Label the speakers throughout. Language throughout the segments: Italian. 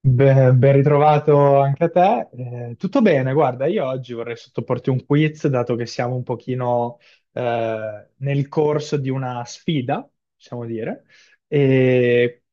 Speaker 1: Beh, ben ritrovato anche a te. Tutto bene, guarda, io oggi vorrei sottoporti un quiz, dato che siamo un pochino nel corso di una sfida, possiamo dire. E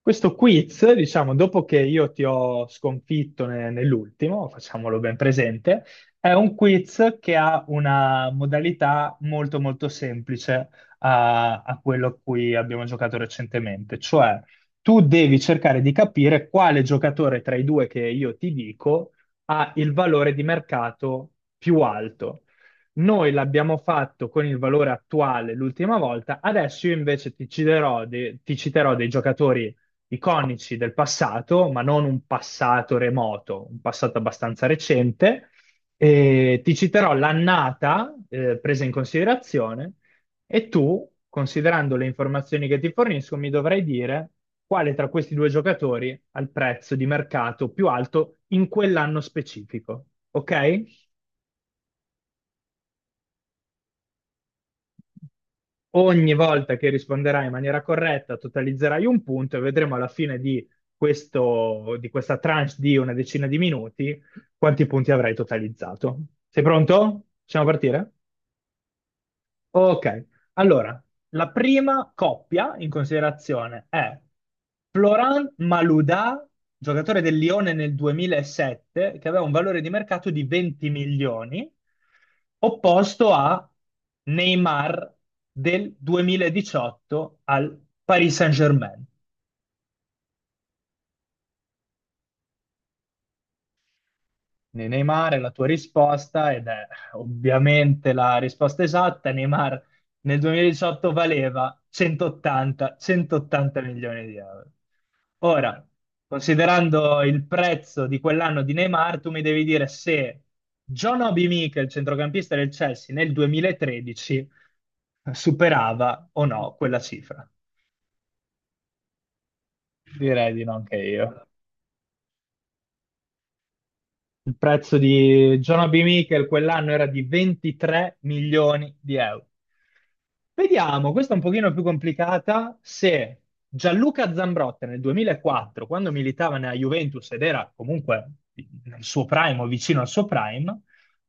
Speaker 1: questo quiz, diciamo, dopo che io ti ho sconfitto nell'ultimo, facciamolo ben presente, è un quiz che ha una modalità molto molto semplice a quello a cui abbiamo giocato recentemente, cioè tu devi cercare di capire quale giocatore tra i due che io ti dico ha il valore di mercato più alto. Noi l'abbiamo fatto con il valore attuale l'ultima volta, adesso io invece ti citerò, ti citerò dei giocatori iconici del passato, ma non un passato remoto, un passato abbastanza recente, e ti citerò l'annata presa in considerazione e tu, considerando le informazioni che ti fornisco, mi dovrai dire quale tra questi due giocatori ha il prezzo di mercato più alto in quell'anno specifico. Ok? Ogni volta che risponderai in maniera corretta, totalizzerai un punto e vedremo alla fine di questo, di questa tranche di una decina di minuti quanti punti avrai totalizzato. Sei pronto? Possiamo partire? Ok, allora, la prima coppia in considerazione è Florent Malouda, giocatore del Lione nel 2007, che aveva un valore di mercato di 20 milioni, opposto a Neymar del 2018 al Paris Saint-Germain. Neymar è la tua risposta ed è ovviamente la risposta esatta. Neymar nel 2018 valeva 180, 180 milioni di euro. Ora, considerando il prezzo di quell'anno di Neymar, tu mi devi dire se John Obi Mikel, centrocampista del Chelsea, nel 2013 superava o no quella cifra. Direi di no anche io. Il prezzo di Jonah B. Michael quell'anno era di 23 milioni di euro. Vediamo, questa è un pochino più complicata, se Gianluca Zambrotta nel 2004, quando militava nella Juventus ed era comunque nel suo prime o vicino al suo prime,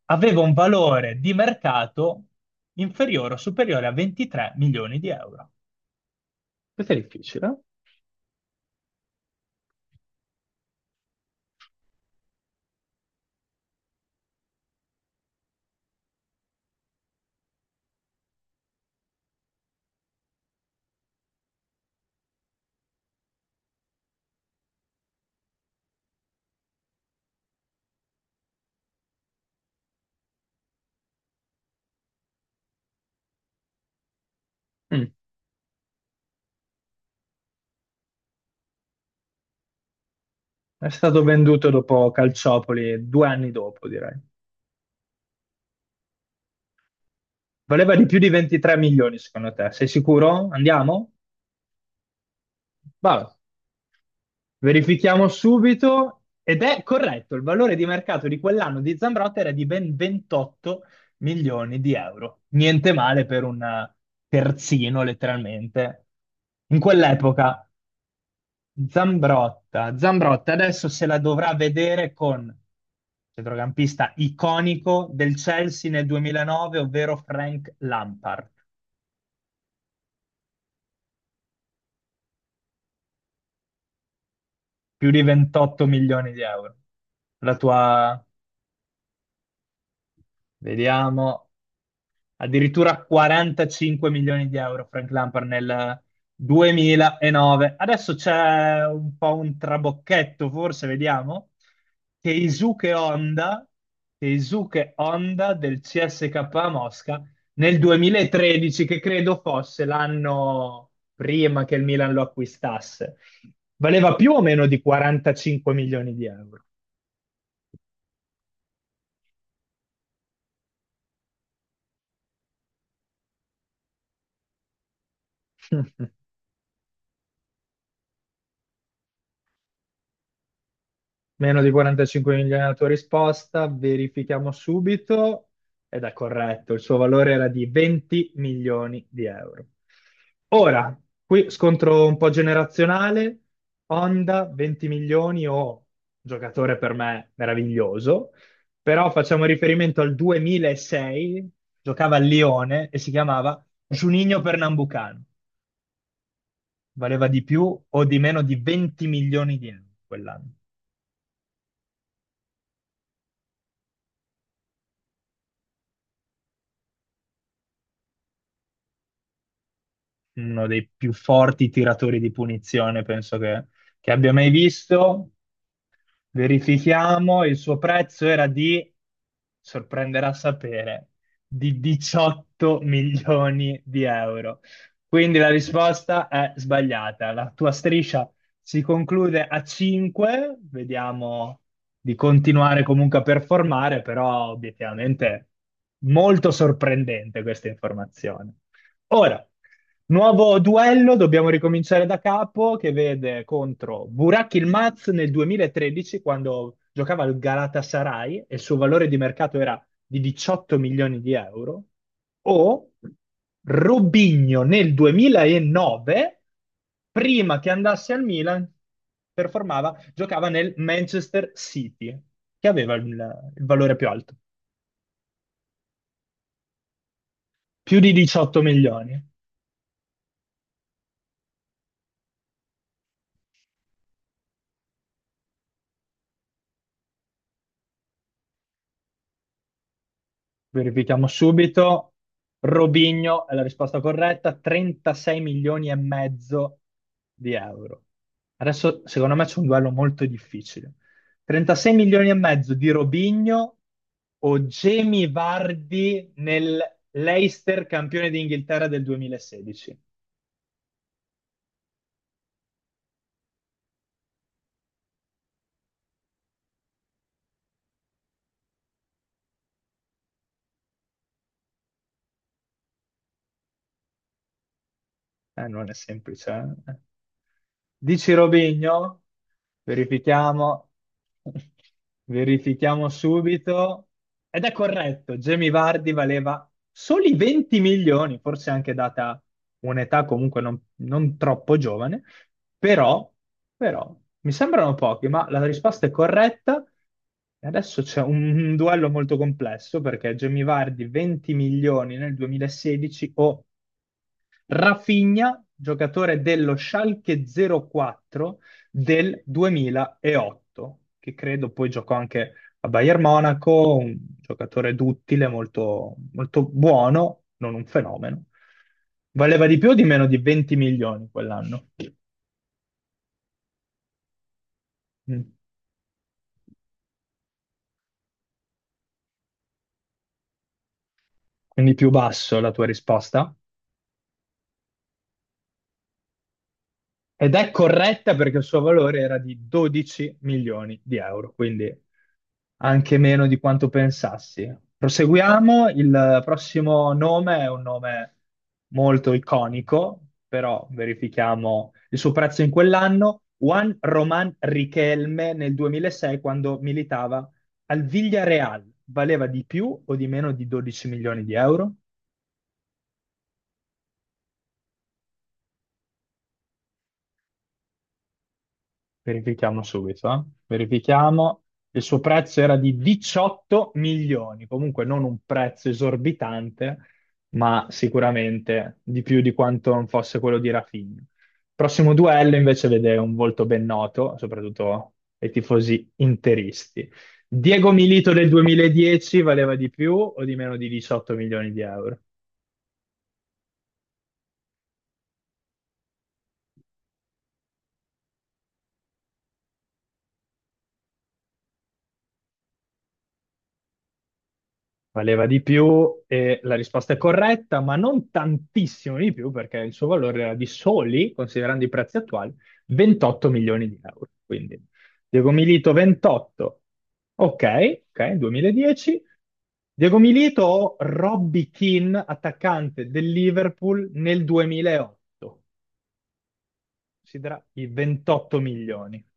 Speaker 1: aveva un valore di mercato inferiore o superiore a 23 milioni di euro. Questo è difficile. Eh? Mm. È stato venduto dopo Calciopoli due anni dopo, direi. Valeva di più di 23 milioni, secondo te? Sei sicuro? Andiamo? Vabbè. Verifichiamo subito. Ed è corretto, il valore di mercato di quell'anno di Zambrotta era di ben 28 milioni di euro. Niente male per un terzino, letteralmente. In quell'epoca, Zambrotta, Zambrotta adesso se la dovrà vedere con centrocampista iconico del Chelsea nel 2009, ovvero Frank Lampard. Più di 28 milioni di euro. La tua, vediamo, addirittura 45 milioni di euro Frank Lampard nel 2009. Adesso c'è un po' un trabocchetto, forse, vediamo. Keisuke Honda, Keisuke Honda del CSKA Mosca nel 2013, che credo fosse l'anno prima che il Milan lo acquistasse. Valeva più o meno di 45 milioni di euro. Meno di 45 milioni la tua risposta, verifichiamo subito ed è corretto, il suo valore era di 20 milioni di euro. Ora, qui scontro un po' generazionale, Honda 20 milioni o giocatore per me meraviglioso, però facciamo riferimento al 2006, giocava a Lione e si chiamava Juninho Pernambucano, valeva di più o di meno di 20 milioni di euro quell'anno. Uno dei più forti tiratori di punizione, penso che abbia mai visto. Verifichiamo, il suo prezzo era di, sorprenderà sapere, di 18 milioni di euro. Quindi la risposta è sbagliata. La tua striscia si conclude a 5, vediamo di continuare comunque a performare, però obiettivamente molto sorprendente questa informazione. Ora, nuovo duello, dobbiamo ricominciare da capo, che vede contro Burak Yılmaz nel 2013, quando giocava al Galatasaray e il suo valore di mercato era di 18 milioni di euro, o Robinho nel 2009, prima che andasse al Milan, performava, giocava nel Manchester City, che aveva il valore più alto, più di 18 milioni. Verifichiamo subito. Robinho è la risposta corretta, 36 milioni e mezzo di euro. Adesso, secondo me, c'è un duello molto difficile. 36 milioni e mezzo di Robinho o Jamie Vardy nel Leicester campione d'Inghilterra del 2016? Non è semplice. Eh. Dici Robigno? Verifichiamo. Verifichiamo subito. Ed è corretto, Jamie Vardy valeva soli 20 milioni, forse anche data un'età comunque non troppo giovane, però, però mi sembrano pochi, ma la risposta è corretta. E adesso c'è un duello molto complesso perché Jamie Vardy 20 milioni nel 2016 o Rafinha, giocatore dello Schalke 04 del 2008, che credo poi giocò anche a Bayern Monaco, un giocatore duttile, molto, molto buono, non un fenomeno. Valeva di più o di meno di 20 milioni quell'anno? Mm. Quindi più basso la tua risposta? Ed è corretta perché il suo valore era di 12 milioni di euro, quindi anche meno di quanto pensassi. Proseguiamo, il prossimo nome è un nome molto iconico, però verifichiamo il suo prezzo in quell'anno. Juan Román Riquelme nel 2006, quando militava al Villarreal, valeva di più o di meno di 12 milioni di euro? Verifichiamo subito, eh. Verifichiamo. Il suo prezzo era di 18 milioni, comunque non un prezzo esorbitante, ma sicuramente di più di quanto non fosse quello di Rafinha. Prossimo duello invece vede un volto ben noto, soprattutto ai tifosi interisti. Diego Milito del 2010 valeva di più o di meno di 18 milioni di euro? Valeva di più e la risposta è corretta, ma non tantissimo di più perché il suo valore era di soli, considerando i prezzi attuali, 28 milioni di euro. Quindi Diego Milito 28, ok, ok, 2010. Diego Milito o Robbie Keane, attaccante del Liverpool nel 2008. Considera i 28 milioni.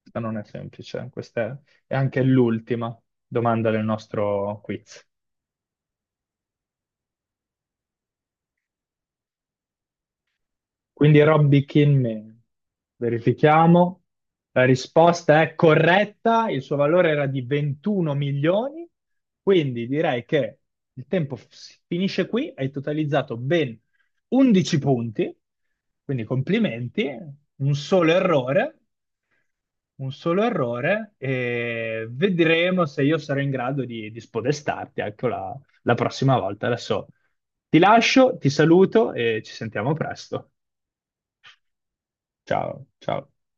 Speaker 1: Questa non è semplice, questa è anche l'ultima domanda del nostro quiz. Quindi Robby Kinman, verifichiamo. La risposta è corretta, il suo valore era di 21 milioni, quindi direi che il tempo finisce qui, hai totalizzato ben 11 punti, quindi complimenti, un solo errore, un solo errore e vedremo se io sarò in grado di, spodestarti anche la prossima volta. Adesso ti lascio, ti saluto e ci sentiamo presto. Ciao, ciao.